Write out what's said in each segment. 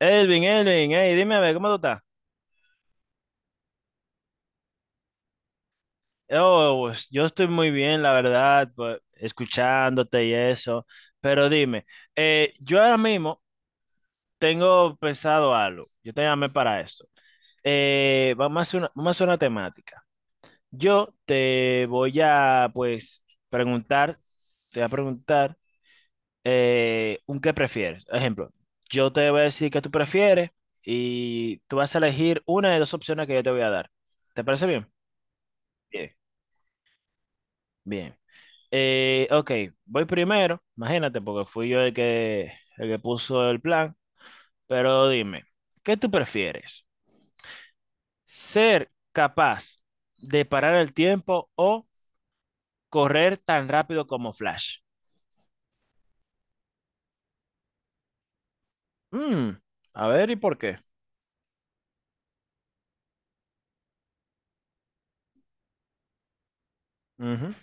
Elvin, Elvin, hey, dime a ver, ¿cómo tú estás? Oh, pues, yo estoy muy bien, la verdad, pues, escuchándote y eso, pero dime, yo ahora mismo tengo pensado algo, yo te llamé para esto. Vamos a hacer una, vamos a hacer una temática. Yo te voy a, pues, preguntar, te voy a preguntar un qué prefieres. Ejemplo, yo te voy a decir qué tú prefieres y tú vas a elegir una de dos opciones que yo te voy a dar. ¿Te parece bien? Bien. Bien. Ok, voy primero, imagínate, porque fui yo el que puso el plan, pero dime, ¿qué tú prefieres? ¿Ser capaz de parar el tiempo o correr tan rápido como Flash? Mm, a ver, ¿y por qué? Ujú,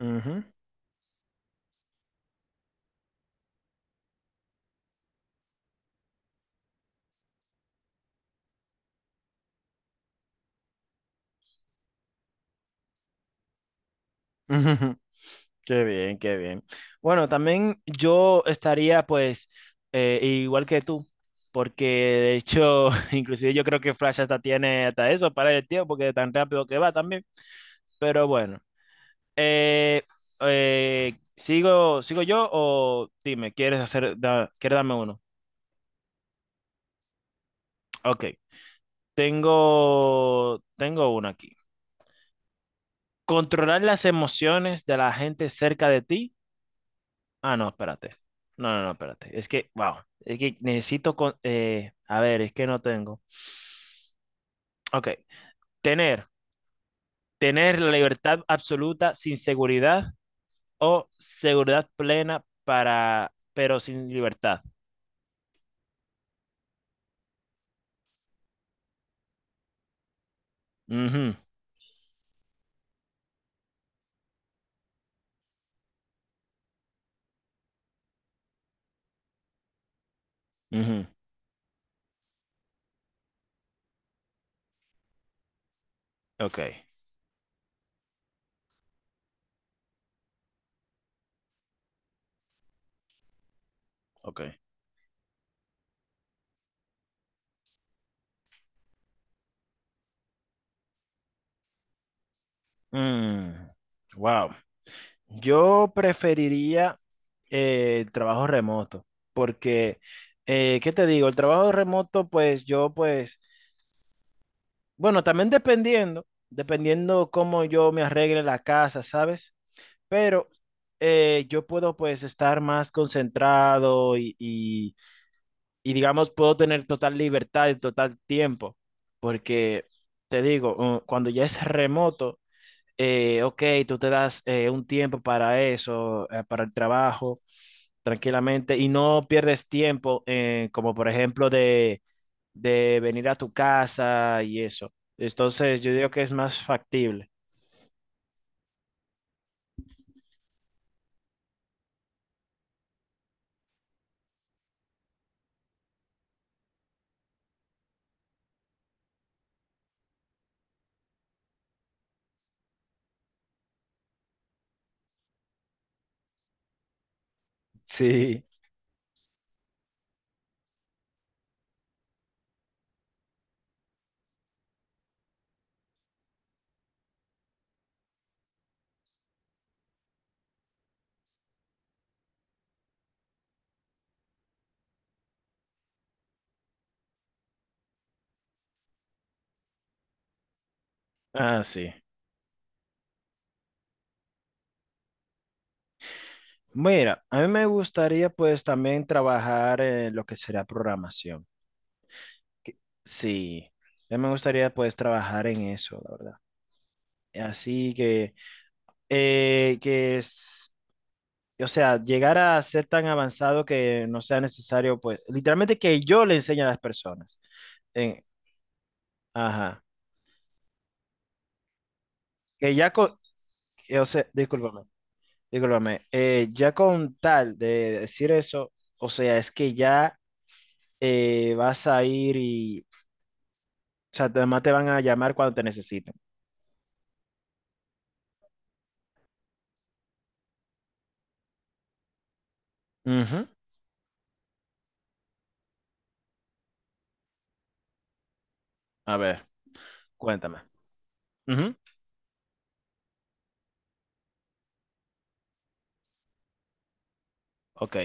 ujú. Qué bien, qué bien. Bueno, también yo estaría pues igual que tú, porque de hecho, inclusive yo creo que Flash hasta tiene hasta eso para el tiempo, porque tan rápido que va también. Pero bueno, eh, ¿sigo, sigo yo o dime, ¿quieres hacer, quieres darme uno? Ok, tengo, tengo uno aquí. Controlar las emociones de la gente cerca de ti. Ah, no, espérate. No, no, no, espérate. Es que, wow. Es que necesito con, a ver, es que no tengo. Ok. Tener, tener la libertad absoluta sin seguridad o seguridad plena para, pero sin libertad. Ujú, ujú. Ok, ok. Mm, wow. Yo preferiría el trabajo remoto porque, ¿qué te digo? El trabajo remoto, pues yo, pues... Bueno, también dependiendo, dependiendo cómo yo me arregle la casa, ¿sabes? Pero yo puedo pues estar más concentrado y digamos puedo tener total libertad y total tiempo, porque te digo, cuando ya es remoto, ok, tú te das un tiempo para eso, para el trabajo, tranquilamente y no pierdes tiempo, como por ejemplo de venir a tu casa y eso. Entonces, yo digo que es más factible. Sí. Ah, sí. Mira, a mí me gustaría pues también trabajar en lo que será programación. Sí, a mí me gustaría pues trabajar en eso, la verdad. Así que es, o sea, llegar a ser tan avanzado que no sea necesario pues, literalmente que yo le enseñe a las personas en, ajá. Que ya con, o sea, discúlpame, discúlpame, ya con tal de decir eso, o sea, es que ya vas a ir y, o sea, además te van a llamar cuando te necesiten. Ujú. A ver, cuéntame. Ujú. Ok.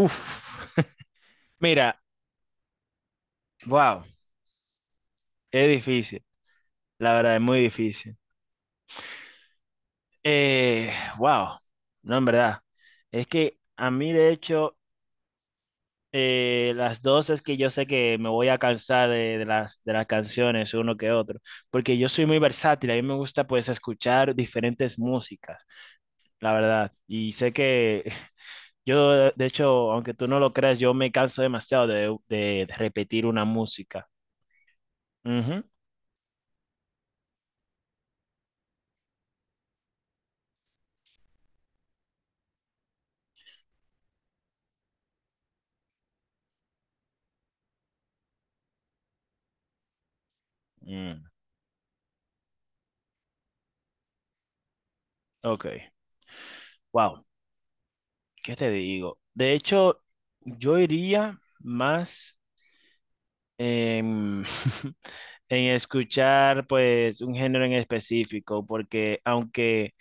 Uf. Mira, wow, es difícil. La verdad, es muy difícil. Eh, wow. No, en verdad. Es que a mí, de hecho, las dos es que yo sé que me voy a cansar de las canciones uno que otro, porque yo soy muy versátil, a mí me gusta pues escuchar diferentes músicas, la verdad, y sé que yo, de hecho, aunque tú no lo creas, yo me canso demasiado de, de repetir una música. Ujú. Mm, ok, wow, ¿qué te digo? De hecho, yo iría más... em, en escuchar pues un género en específico, porque aunque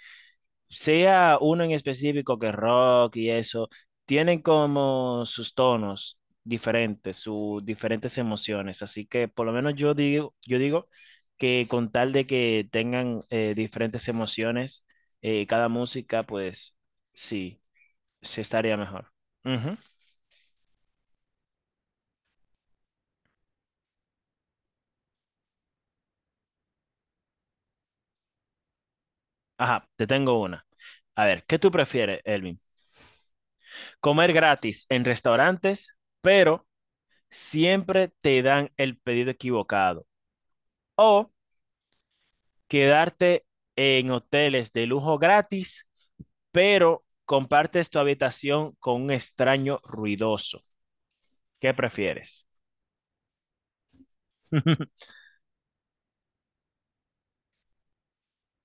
sea uno en específico que rock y eso, tienen como sus tonos diferentes, sus diferentes emociones, así que por lo menos yo digo que con tal de que tengan diferentes emociones, cada música pues sí, se estaría mejor. Ujú. Ajá, te tengo una. A ver, ¿qué tú prefieres, Elvin? Comer gratis en restaurantes, pero siempre te dan el pedido equivocado. O quedarte en hoteles de lujo gratis, pero compartes tu habitación con un extraño ruidoso. ¿Qué prefieres?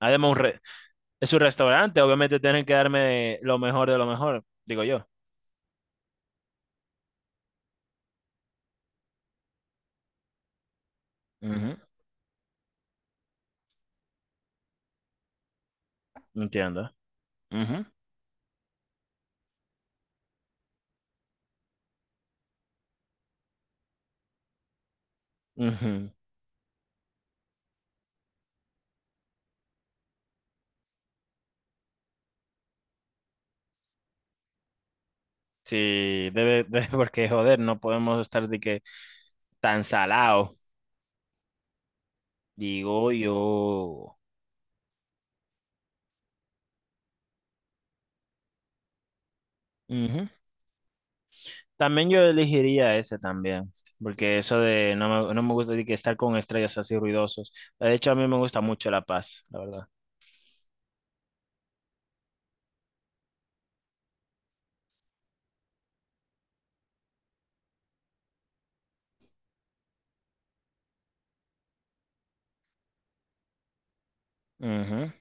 Además, es un restaurante, obviamente tienen que darme lo mejor de lo mejor, digo yo. Ujú. Entiendo. Ujú, ujú. Sí, debe, debe- porque joder, no podemos estar de que tan salado. Digo yo. Ujú. También yo elegiría ese también, porque eso de no me, no me gusta de que estar con estrellas así ruidosos. De hecho, a mí me gusta mucho la paz, la verdad. Ujú,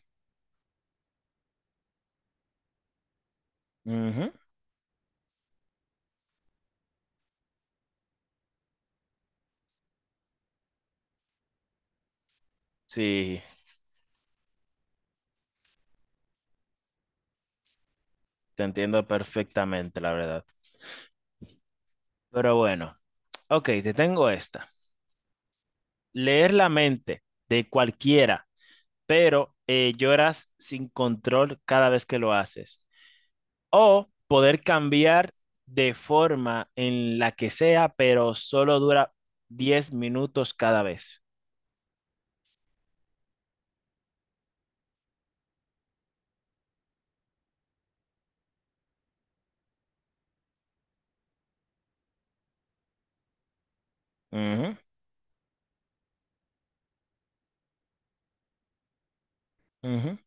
ujú. Sí, te entiendo perfectamente, la verdad. Pero bueno, ok, te tengo esta. Leer la mente de cualquiera, pero lloras sin control cada vez que lo haces. O poder cambiar de forma en la que sea, pero solo dura 10 minutos cada vez. Ujú, ujú.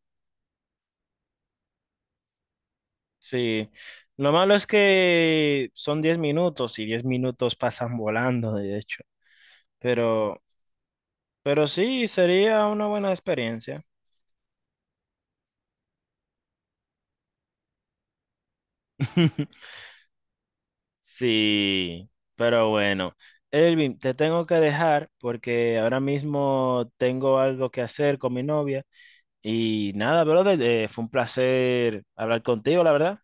Sí. Lo malo es que son 10 minutos y 10 minutos pasan volando, de hecho. Pero, pero sí, sería una buena experiencia. Sí, pero bueno. Elvin, te tengo que dejar porque ahora mismo tengo algo que hacer con mi novia. Y nada, brother, fue un placer hablar contigo, la verdad.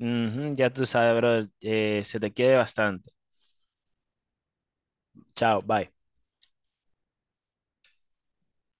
Ujú, ya tú sabes, brother, se te quiere bastante. Chao, bye.